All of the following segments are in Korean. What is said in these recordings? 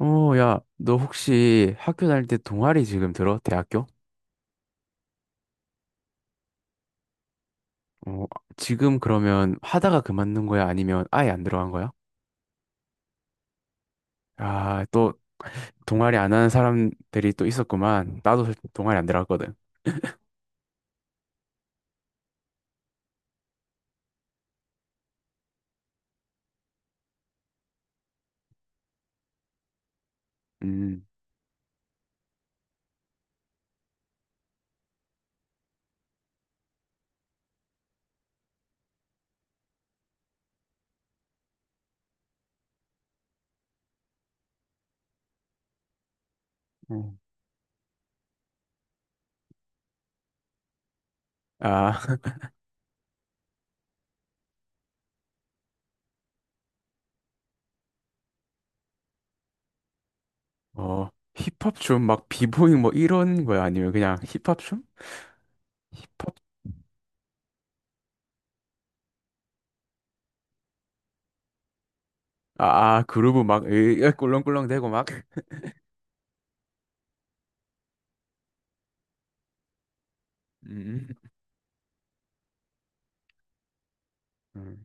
야, 너 혹시 학교 다닐 때 동아리 지금 들어? 대학교? 어, 지금 그러면 하다가 그만둔 거야? 아니면 아예 안 들어간 거야? 아, 또 동아리 안 하는 사람들이 또 있었구만. 나도 사실 동아리 안 들어갔거든. 음. 음. 아, 어, 힙합 춤, 막 비보잉 뭐 이런 거야? 아니면 그냥 힙합 춤? 힙합? 아, 그루브 막 으, 꿀렁꿀렁 대고 막. 음. 음.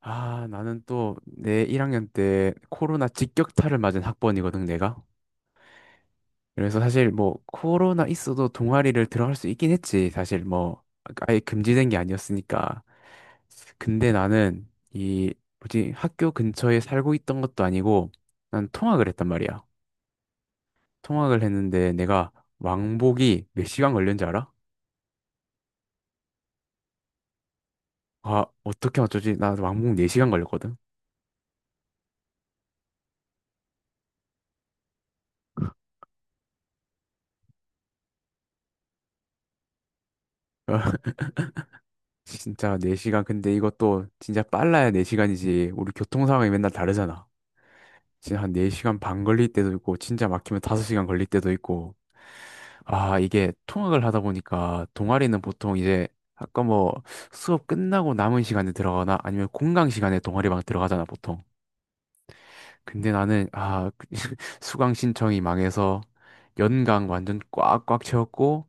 아, 나는 또 내 1학년 때 코로나 직격탄을 맞은 학번이거든, 내가. 그래서 사실 뭐 코로나 있어도 동아리를 들어갈 수 있긴 했지. 사실 뭐 아예 금지된 게 아니었으니까. 근데 나는 이 뭐지 학교 근처에 살고 있던 것도 아니고 난 통학을 했단 말이야. 통학을 했는데 내가 왕복이 몇 시간 걸렸는지 알아? 아, 어떻게 어쩌지? 나 왕복 4시간 걸렸거든. 진짜 4시간. 근데 이것도 진짜 빨라야 4시간이지. 우리 교통 상황이 맨날 다르잖아. 지금 한 4시간 반 걸릴 때도 있고 진짜 막히면 5시간 걸릴 때도 있고. 아 이게 통학을 하다 보니까 동아리는 보통 이제 아까 뭐 수업 끝나고 남은 시간에 들어가거나 아니면 공강 시간에 동아리방 들어가잖아 보통. 근데 나는 아 수강 신청이 망해서 연강 완전 꽉꽉 채웠고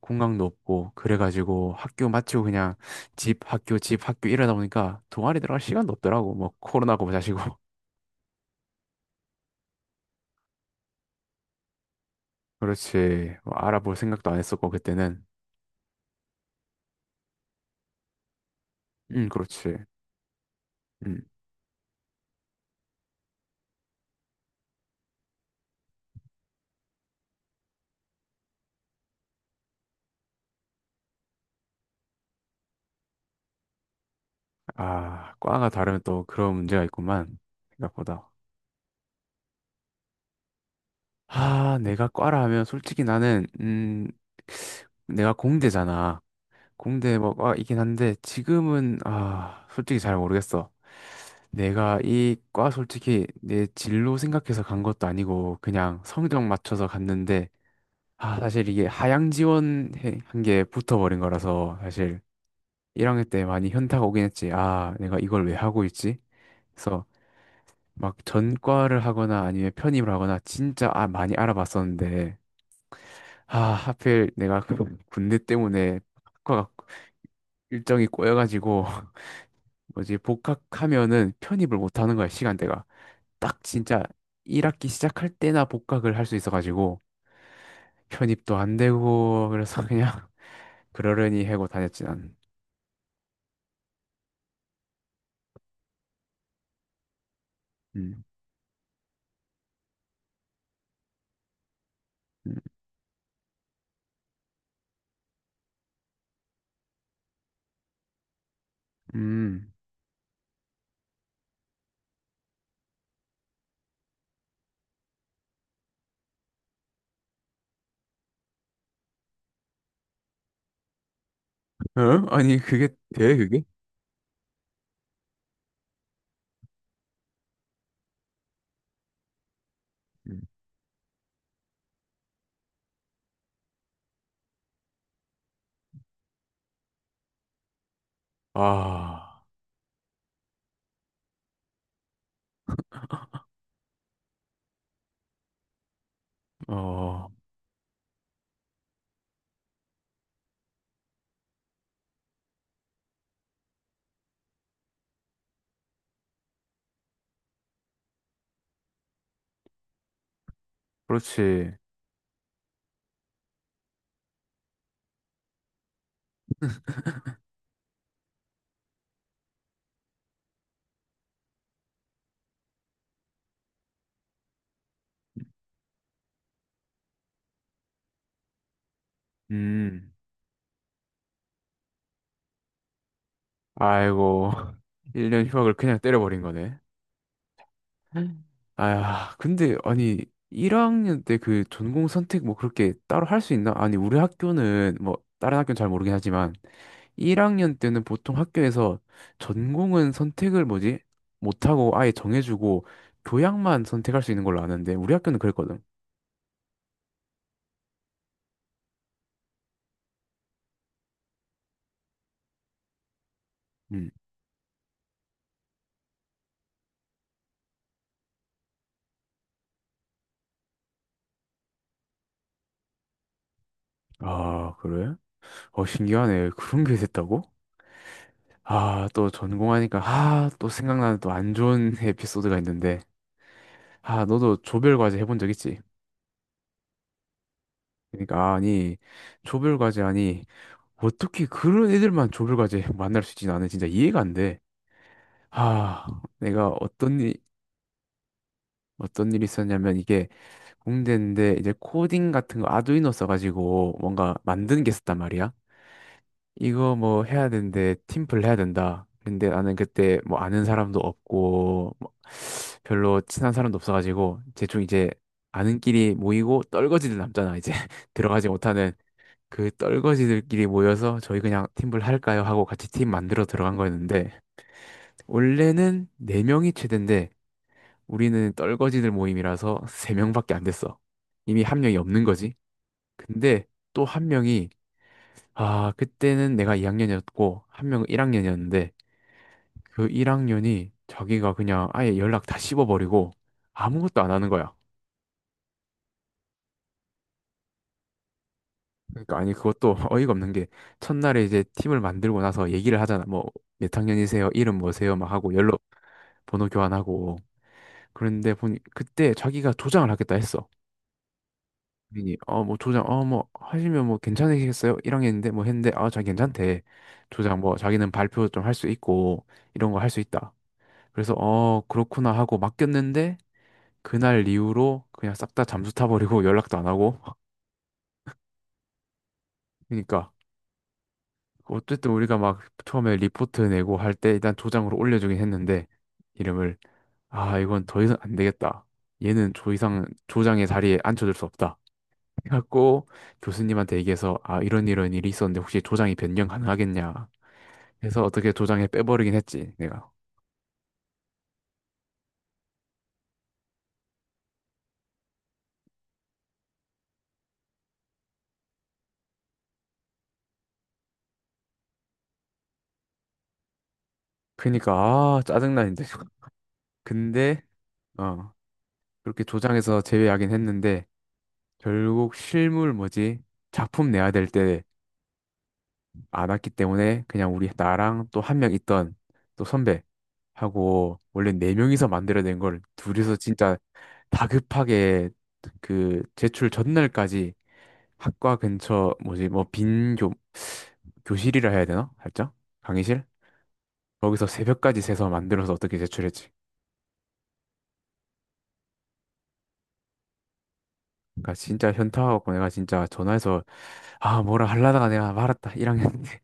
공강도 없고 그래가지고 학교 마치고 그냥 집 학교 집 학교 이러다 보니까 동아리 들어갈 시간도 없더라고. 뭐 코로나고 뭐자시고. 그렇지. 뭐 알아볼 생각도 안 했었고, 그때는. 그렇지. 음. 아, 과가 다르면 또 그런 문제가 있구만. 생각보다. 아, 내가 과라 하면 솔직히 나는, 내가 공대잖아. 공대 뭐 과이긴 한데, 지금은, 아, 솔직히 잘 모르겠어. 내가 이 과 솔직히 내 진로 생각해서 간 것도 아니고, 그냥 성적 맞춰서 갔는데, 아, 사실 이게 하향 지원한 게 붙어버린 거라서, 사실. 1학년 때 많이 현타가 오긴 했지. 아, 내가 이걸 왜 하고 있지? 그래서 막 전과를 하거나 아니면 편입을 하거나 진짜 아, 많이 알아봤었는데, 아, 하필 내가 그 군대 때문에 학과가 일정이 꼬여가지고, 뭐지, 복학하면은 편입을 못 하는 거야, 시간대가. 딱 진짜 1학기 시작할 때나 복학을 할 수 있어가지고, 편입도 안 되고, 그래서 그냥 그러려니 하고 다녔지, 난. 음, 음, 음. 어? 아니, 그게 돼, 그게? 아, 어, 그렇지. 음, 아이고, 1년 휴학을 그냥 때려버린 거네. 아야, 근데, 아니, 1학년 때 그 전공 선택 뭐 그렇게 따로 할 수 있나? 아니, 우리 학교는 뭐, 다른 학교는 잘 모르긴 하지만, 1학년 때는 보통 학교에서 전공은 선택을 뭐지? 못하고 아예 정해주고, 교양만 선택할 수 있는 걸로 아는데, 우리 학교는 그랬거든. 음. 아, 그래? 어, 신기하네. 그런 게 됐다고? 아, 또 전공하니까, 아, 또 생각나는 또 안 좋은 에피소드가 있는데, 아, 너도 조별과제 해본 적 있지? 그러니까, 아니, 조별과제, 아니, 어떻게 그런 애들만 조별과제 만날 수 있지? 나는 진짜 이해가 안 돼. 아, 내가 어떤 일이 있었냐면, 이게 공대인데, 이제 코딩 같은 거 아두이노 써가지고, 뭔가 만드는 게 있었단 말이야. 이거 뭐 해야 되는데 팀플 해야 된다. 근데 나는 그때 뭐 아는 사람도 없고 뭐 별로 친한 사람도 없어가지고 대충 이제 아는끼리 모이고 떨거지들 남잖아. 이제 들어가지 못하는 그 떨거지들끼리 모여서 저희 그냥 팀플 할까요? 하고 같이 팀 만들어 들어간 거였는데, 원래는 4명이 최대인데 우리는 떨거지들 모임이라서 3명밖에 안 됐어. 이미 한 명이 없는 거지. 근데 또 한 명이, 아, 그때는 내가 2학년이었고, 한 명은 1학년이었는데, 그 1학년이 자기가 그냥 아예 연락 다 씹어버리고 아무것도 안 하는 거야. 그러니까 아니 그것도 어이가 없는 게, 첫날에 이제 팀을 만들고 나서 얘기를 하잖아. 뭐 몇 학년이세요? 이름 뭐세요? 막 하고 연락 번호 교환하고. 그런데 보니 그때 자기가 조장을 하겠다 했어. 본인이 어뭐 조장 어 뭐 하시면 뭐 괜찮으시겠어요? 1학년인데 뭐 했는데, 아 자 괜찮대. 조장 뭐 자기는 발표 좀 할 수 있고 이런 거 할 수 있다. 그래서 어 그렇구나 하고 맡겼는데 그날 이후로 그냥 싹 다 잠수 타버리고 연락도 안 하고. 그러니까 어쨌든 우리가 막 처음에 리포트 내고 할 때 일단 조장으로 올려주긴 했는데 이름을. 아 이건 더 이상 안 되겠다. 얘는 조 이상 조장의 자리에 앉혀줄 수 없다. 해갖고 교수님한테 얘기해서, 아 이런 이런 일이 있었는데 혹시 조장이 변경 가능하겠냐 해서 어떻게 조장에 빼버리긴 했지, 내가. 그러니까 아 짜증나 이제. 근데 어 그렇게 조장에서 제외하긴 했는데. 결국 실물 뭐지? 작품 내야 될 때 안 왔기 때문에 그냥 우리 나랑 또 한 명 있던 또 선배하고 원래 네 명이서 만들어야 된 걸 둘이서 진짜 다급하게 그 제출 전날까지 학과 근처 뭐지 뭐 빈교 교실이라 해야 되나? 살짝 강의실? 거기서 새벽까지 새서 만들어서 어떻게 제출했지? 그러니까 진짜 현타하고 내가 진짜 전화해서 아 뭐라 하려다가 내가 말았다, 1학년 때.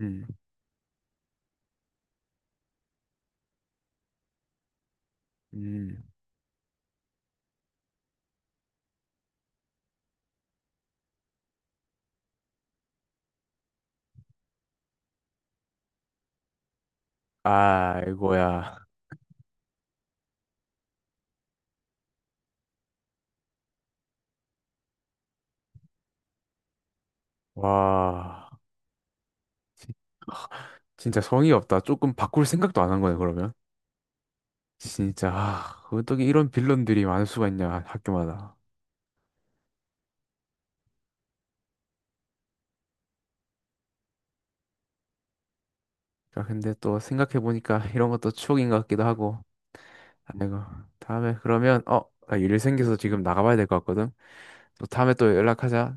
음. 음. 아이고야. 와. 진- 진짜 성의 없다. 조금 바꿀 생각도 안 한 거네, 그러면. 진짜, 아, 어떻게 이런 빌런들이 많을 수가 있냐, 학교마다. 아, 근데 또 생각해보니까 이런 것도 추억인 것 같기도 하고. 아이고. 다음에 그러면, 나 일이 생겨서 지금 나가봐야 될 것 같거든. 또 다음에 또 연락하자.